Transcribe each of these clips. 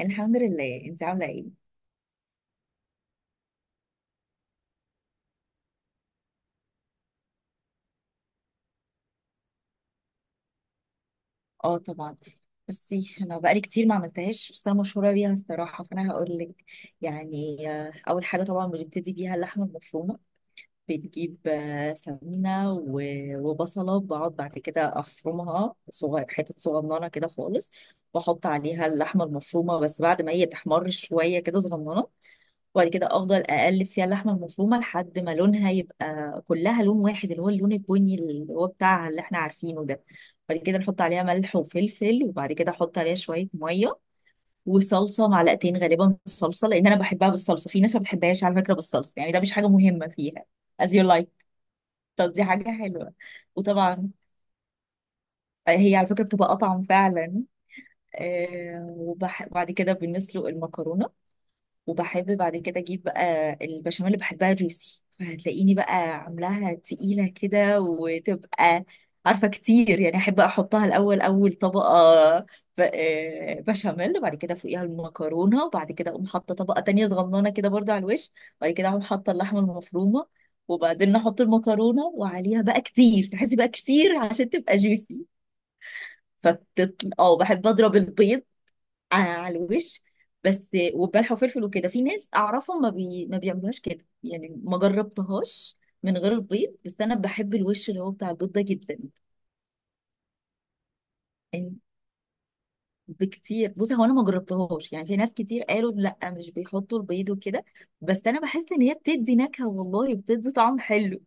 الحمد لله. انت عامله ايه؟ اه طبعا. بصي انا بقالي كتير ما عملتهاش بس انا مشهوره بيها الصراحه فانا هقول لك. يعني اول حاجه طبعا بنبتدي بيها اللحمه المفرومه. بنجيب سمينه و- وبصله بقعد بعد كده افرمها صغير حتت صغننه كده خالص. واحط عليها اللحمه المفرومه بس بعد ما هي تحمر شويه كده صغننه. وبعد كده افضل اقلب فيها اللحمه المفرومه لحد ما لونها يبقى كلها لون واحد اللي هو اللون البني اللي هو بتاعها اللي احنا عارفينه ده. بعد كده نحط عليها ملح وفلفل وبعد كده احط عليها شويه ميه وصلصه معلقتين غالبا صلصه لان انا بحبها بالصلصه. في ناس ما بتحبهاش على فكره بالصلصه يعني ده مش حاجه مهمه فيها. as you like. طب دي حاجه حلوه. وطبعا هي على فكره بتبقى اطعم فعلا. وبح- وبعد كده بنسلق المكرونه. وبحب بعد كده اجيب بقى البشاميل اللي بحبها جوسي فهتلاقيني بقى عاملاها تقيلة كده وتبقى عارفة كتير. يعني احب احطها الاول اول طبقة بشاميل وبعد كده فوقيها المكرونة وبعد كده اقوم حاطة طبقة تانية صغننة كده برضو على الوش. وبعد كده اقوم حاطة اللحمة المفرومة وبعدين احط المكرونة وعليها بقى كتير تحسي بقى كتير عشان تبقى جوسي. فتطلع اه بحب اضرب البيض على الوش بس وبلح وفلفل وكده. في ناس اعرفهم ما بيعملوهاش كده يعني ما جربتهاش من غير البيض. بس انا بحب الوش اللي هو بتاع البيض ده جدا يعني. بكتير بص هو انا ما جربتهاش يعني في ناس كتير قالوا لا مش بيحطوا البيض وكده. بس انا بحس ان هي بتدي نكهة والله بتدي طعم حلو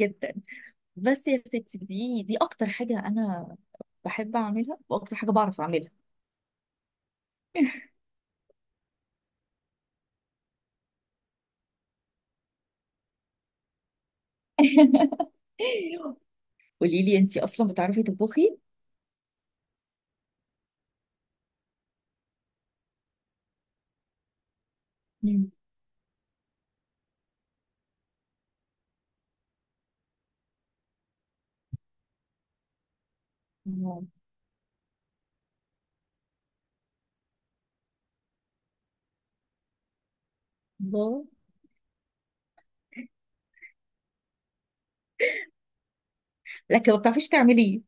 جدا. بس يا ستي دي اكتر حاجة انا بحب اعملها واكتر حاجة بعرف اعملها. قولي لي انتي اصلا بتعرفي تطبخي؟ مم. الله. لكن ما بتعرفيش تعمليه.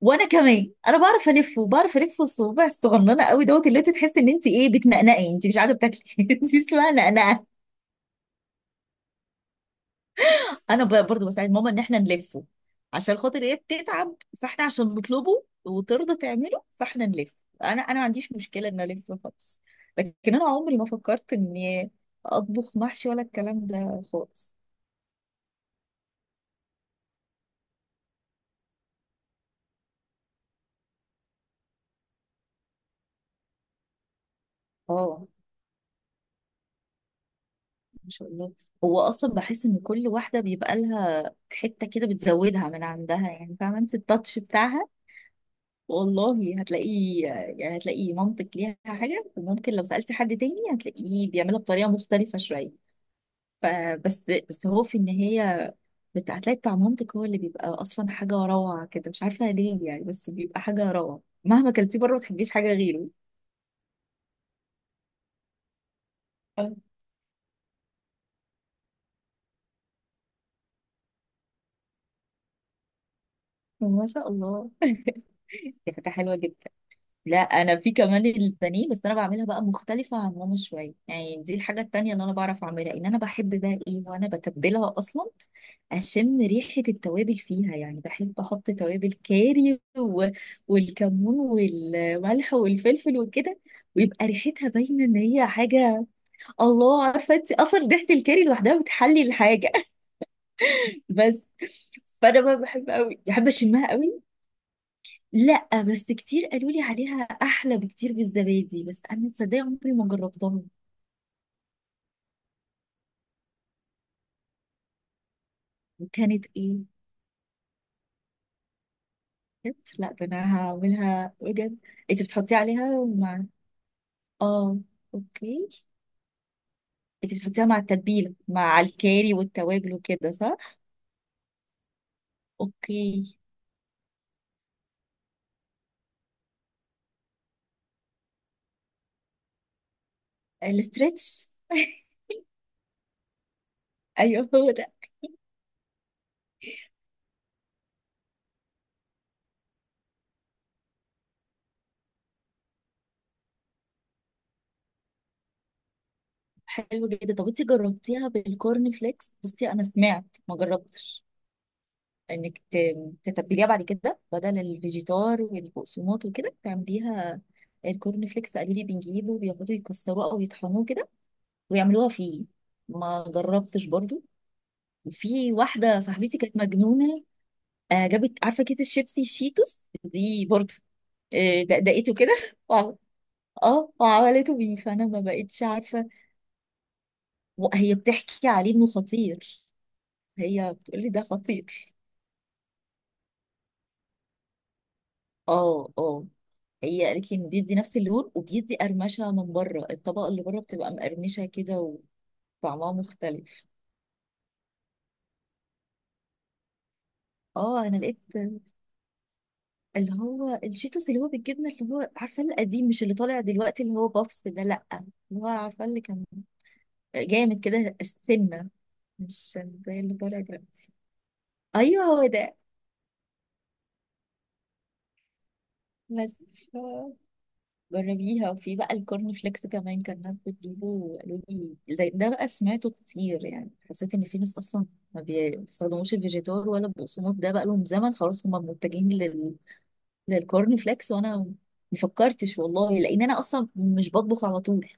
وانا كمان بعرف الفه بعرف الف الصوابع الصغننه قوي دوت اللي انت تحسي ان انت ايه بتنقنقي انت مش قاعده بتاكلي. انت اسمها نقنقه. برضو بساعد ماما ان احنا نلفه عشان خاطر هي بتتعب. فاحنا عشان نطلبه وترضى تعمله فاحنا نلف. انا ما عنديش مشكله ان الف خالص. لكن انا عمري ما فكرت اني اطبخ محشي ولا الكلام ده خالص. اه ما شاء الله. هو اصلا بحس ان كل واحده بيبقى لها حته كده بتزودها من عندها يعني فاهمه انت التاتش بتاعها. والله هتلاقيه يعني هتلاقي مامتك ليها حاجه وممكن لو سالتي حد تاني هتلاقيه بيعملها بطريقه مختلفه شويه. فبس. بس هو في النهايه هتلاقي بتاع مامتك هو اللي بيبقى اصلا حاجه روعه كده مش عارفه ليه يعني بس بيبقى حاجه روعه مهما كلتيه بره ما تحبيش حاجه غيره. آه، ما شاء الله. دي حاجه حلوه جدا. لا انا في كمان البانيه بس انا بعملها بقى مختلفه عن ماما شويه يعني دي الحاجه التانية اللي انا بعرف اعملها ان انا بحب بقى ايه وانا بتبلها اصلا. اشم ريحه التوابل فيها يعني بحب احط توابل كاري والكمون والملح والفلفل وكده. ويبقى ريحتها باينه ان هي حاجه. الله عارفه انت اصلا ريحه الكاري لوحدها بتحلي الحاجه. بس. فانا بقى بحب قوي بحب اشمها قوي. لا بس كتير قالوا لي عليها احلى بكتير بالزبادي بس انا تصدقي عمري ما جربتها. وكانت ايه؟ كانت لا ده انا هعملها بجد. انت بتحطي عليها مع. اه اوكي. انت بتحطيها مع التتبيله مع الكاري والتوابل وكده صح؟ اوكي. الاسترتش. ايوه هو ده. حلو جدا. طب انت جربتيها بالكورن فليكس؟ بصي انا سمعت ما جربتش انك تتبليها بعد كده بدل الفيجيتار والبقسماط وكده تعمليها. الكورن فليكس قالوا لي بنجيبه بياخدوا يكسروه او يطحنوه كده ويعملوها فيه. ما جربتش برضو. وفي واحده صاحبتي كانت مجنونه. جابت عارفه كيس الشيبسي الشيتوس دي برضو. دقدقته كده. وعم- اه وعملته بيه فانا ما بقتش عارفه. وهي بتحكي عليه انه خطير. هي بتقول لي ده خطير. اه اه. هي قالت لي انه بيدي نفس اللون وبيدي قرمشه من بره الطبقه اللي بره بتبقى مقرمشه كده وطعمها مختلف. اه انا لقيت اللي هو الشيتوس اللي هو بالجبنه اللي هو عارفه القديم مش اللي طالع دلوقتي اللي هو بافس ده لا اللي هو عارفه اللي كان جامد كده السنه مش زي اللي طالع دلوقتي. ايوه هو ده. بس جربيها. وفي بقى الكورن فليكس كمان كان ناس بتجيبه وقالوا لي ده بقى سمعته كتير يعني حسيت ان في ناس اصلا ما بي- بيستخدموش الفيجيتار ولا البقسماط ده بقى لهم زمن خلاص هم متجهين للكورن فليكس. وانا ما فكرتش والله لان انا اصلا مش بطبخ على طول.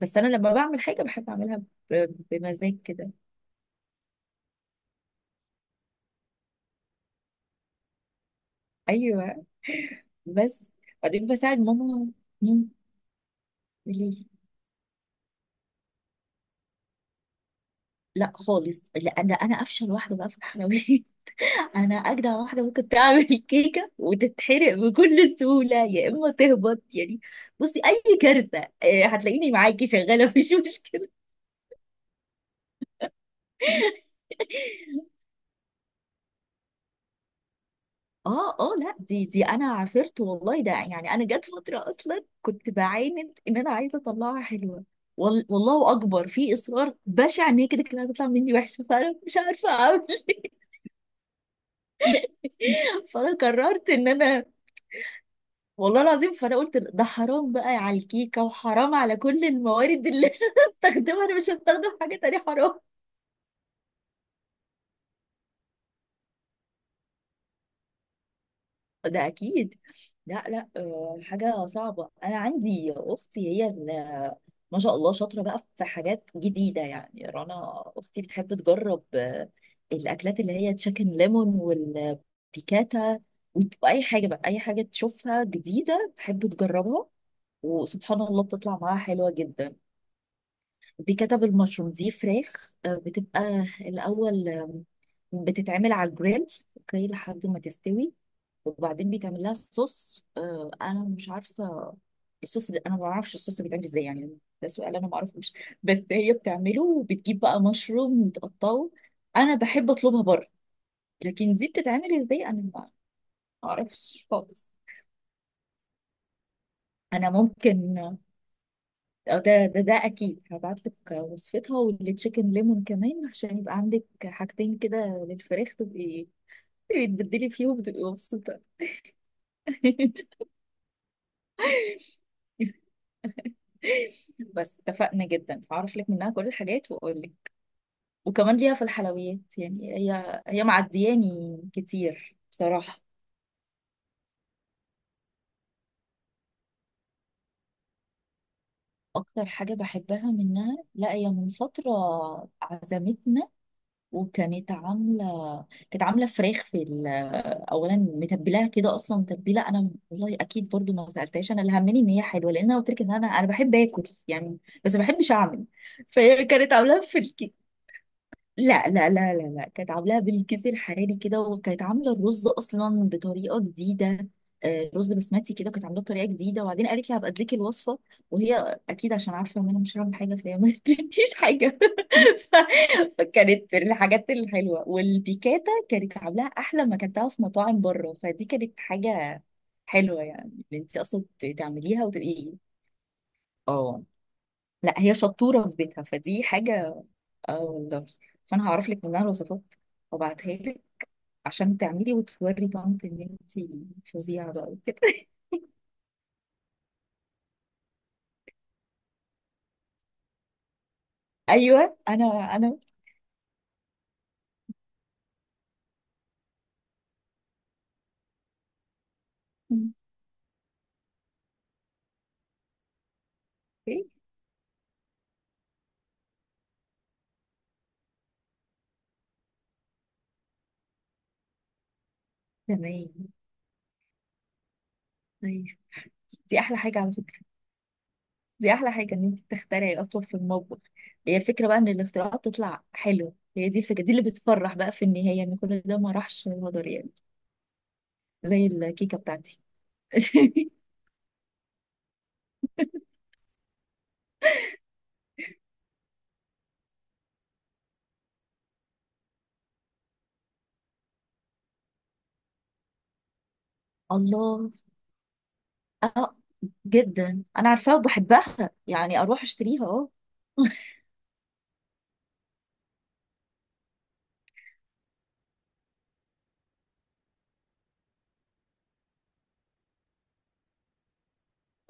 بس انا لما بعمل حاجه بحب اعملها بمزاج كده. ايوه بس بعدين بساعد ماما. مم، قولي لي. لا خالص لا ده انا افشل واحده بقى في الحلويات. انا اجدع واحده ممكن تعمل كيكه وتتحرق بكل سهوله يا اما تهبط يعني. بصي اي كارثه هتلاقيني معاكي شغاله. مفيش مشكله. اه اه لا دي انا عافرت والله ده يعني انا جت فتره اصلا كنت بعاند ان انا عايزه اطلعها حلوه. وال- والله اكبر في اصرار بشع ان هي كده كده هتطلع مني وحشه فانا مش عارفه اعمل إيه. فانا قررت ان انا والله العظيم فانا قلت ده حرام بقى على الكيكه وحرام على كل الموارد اللي انا هستخدمها انا مش هستخدم حاجه تانية حرام. ده اكيد. لا لا حاجه صعبه. انا عندي اختي هي اللي ما شاء الله شاطره بقى في حاجات جديده. يعني رنا اختي بتحب تجرب الاكلات اللي هي تشيكن ليمون والبيكاتا واي حاجه بقى اي حاجه تشوفها جديده تحب تجربها وسبحان الله بتطلع معاها حلوه جدا. بكتب المشروم دي فراخ بتبقى الأول. بتتعمل على الجريل اوكي لحد ما تستوي. وبعدين بيتعمل لها صوص. انا مش عارفة الصوص ده. انا ما بعرفش الصوص بيتعمل ازاي يعني ده سؤال انا ما اعرفوش. بس هي بتعمله وبتجيب بقى مشروم وتقطعه. انا بحب اطلبها بره لكن دي بتتعمل ازاي انا ما اعرفش خالص. انا ممكن. أو ده اكيد هبعت لك وصفتها والتشيكن ليمون كمان عشان يبقى عندك حاجتين كده للفراخ. تبقي تبقي تبدلي فيهم وتبقي مبسوطه. بس اتفقنا جدا. هعرف لك منها كل الحاجات واقول لك. وكمان ليها في الحلويات يعني هي هي معدياني كتير بصراحه. اكتر حاجه بحبها منها لا هي من فتره عزمتنا. وكانت عامله كانت عامله فراخ في اولا متبلاها كده اصلا تتبيله. انا والله اكيد برضو ما سالتهاش انا اللي همني ان هي حلوه لان انا قلت لك ان انا بحب اكل يعني. بس ما بحبش اعمل. فهي كانت عاملاها في لا لا لا لا لا كانت عاملاها بالكيس الحراري كده وكانت عامله الرز اصلا بطريقه جديده. رز بسمتي كده وكانت عاملاه بطريقه جديده وبعدين قالت لي هبقى اديك الوصفه. وهي اكيد عشان عارفه ان انا مش هعمل حاجه فهي ما ادتنيش حاجه. ف- فكانت الحاجات الحلوه. والبيكاتا كانت عاملاها احلى ما اكلتها في مطاعم بره فدي كانت حاجه حلوه. يعني ان انت اصلا تعمليها وتبقي. اه لا هي شطوره في بيتها فدي حاجه. اه والله. فانا هعرف لك منها الوصفات وابعتها لك عشان تعملي وتوري طنط ان انت فظيعه بقى وكده. ايوه انا اوكي تمام طيب. دي احلى حاجه على فكره. دي احلى حاجه ان انت تخترعي اصلا في المطبخ. هي الفكره بقى ان الاختراعات تطلع حلوه. هي دي الفكره دي اللي بتفرح بقى في النهايه ان كل ده ما راحش هدر يعني. زي الكيكه بتاعتي. الله. اه جدا انا عارفاها وبحبها يعني اروح اشتريها اه.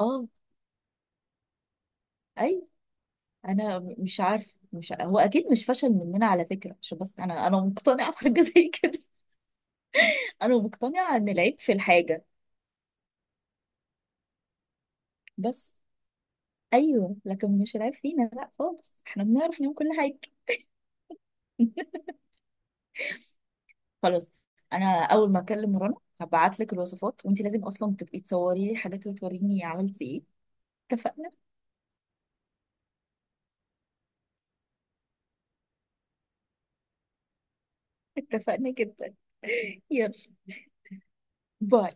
اه اي انا مش عارف مش ع- هو اكيد مش فشل مننا على فكره عشان بس انا مقتنعه بحاجه زي كده. انا مقتنعه ان العيب في الحاجه بس. ايوه لكن مش العيب فينا لا خالص احنا بنعرف نعمل كل حاجه. خلاص. انا اول ما اكلم رنا هبعت لك الوصفات وانت لازم اصلا تبقي تصوري لي حاجات وتوريني عملتي ايه. اتفقنا. اتفقنا جدا. يلا باي.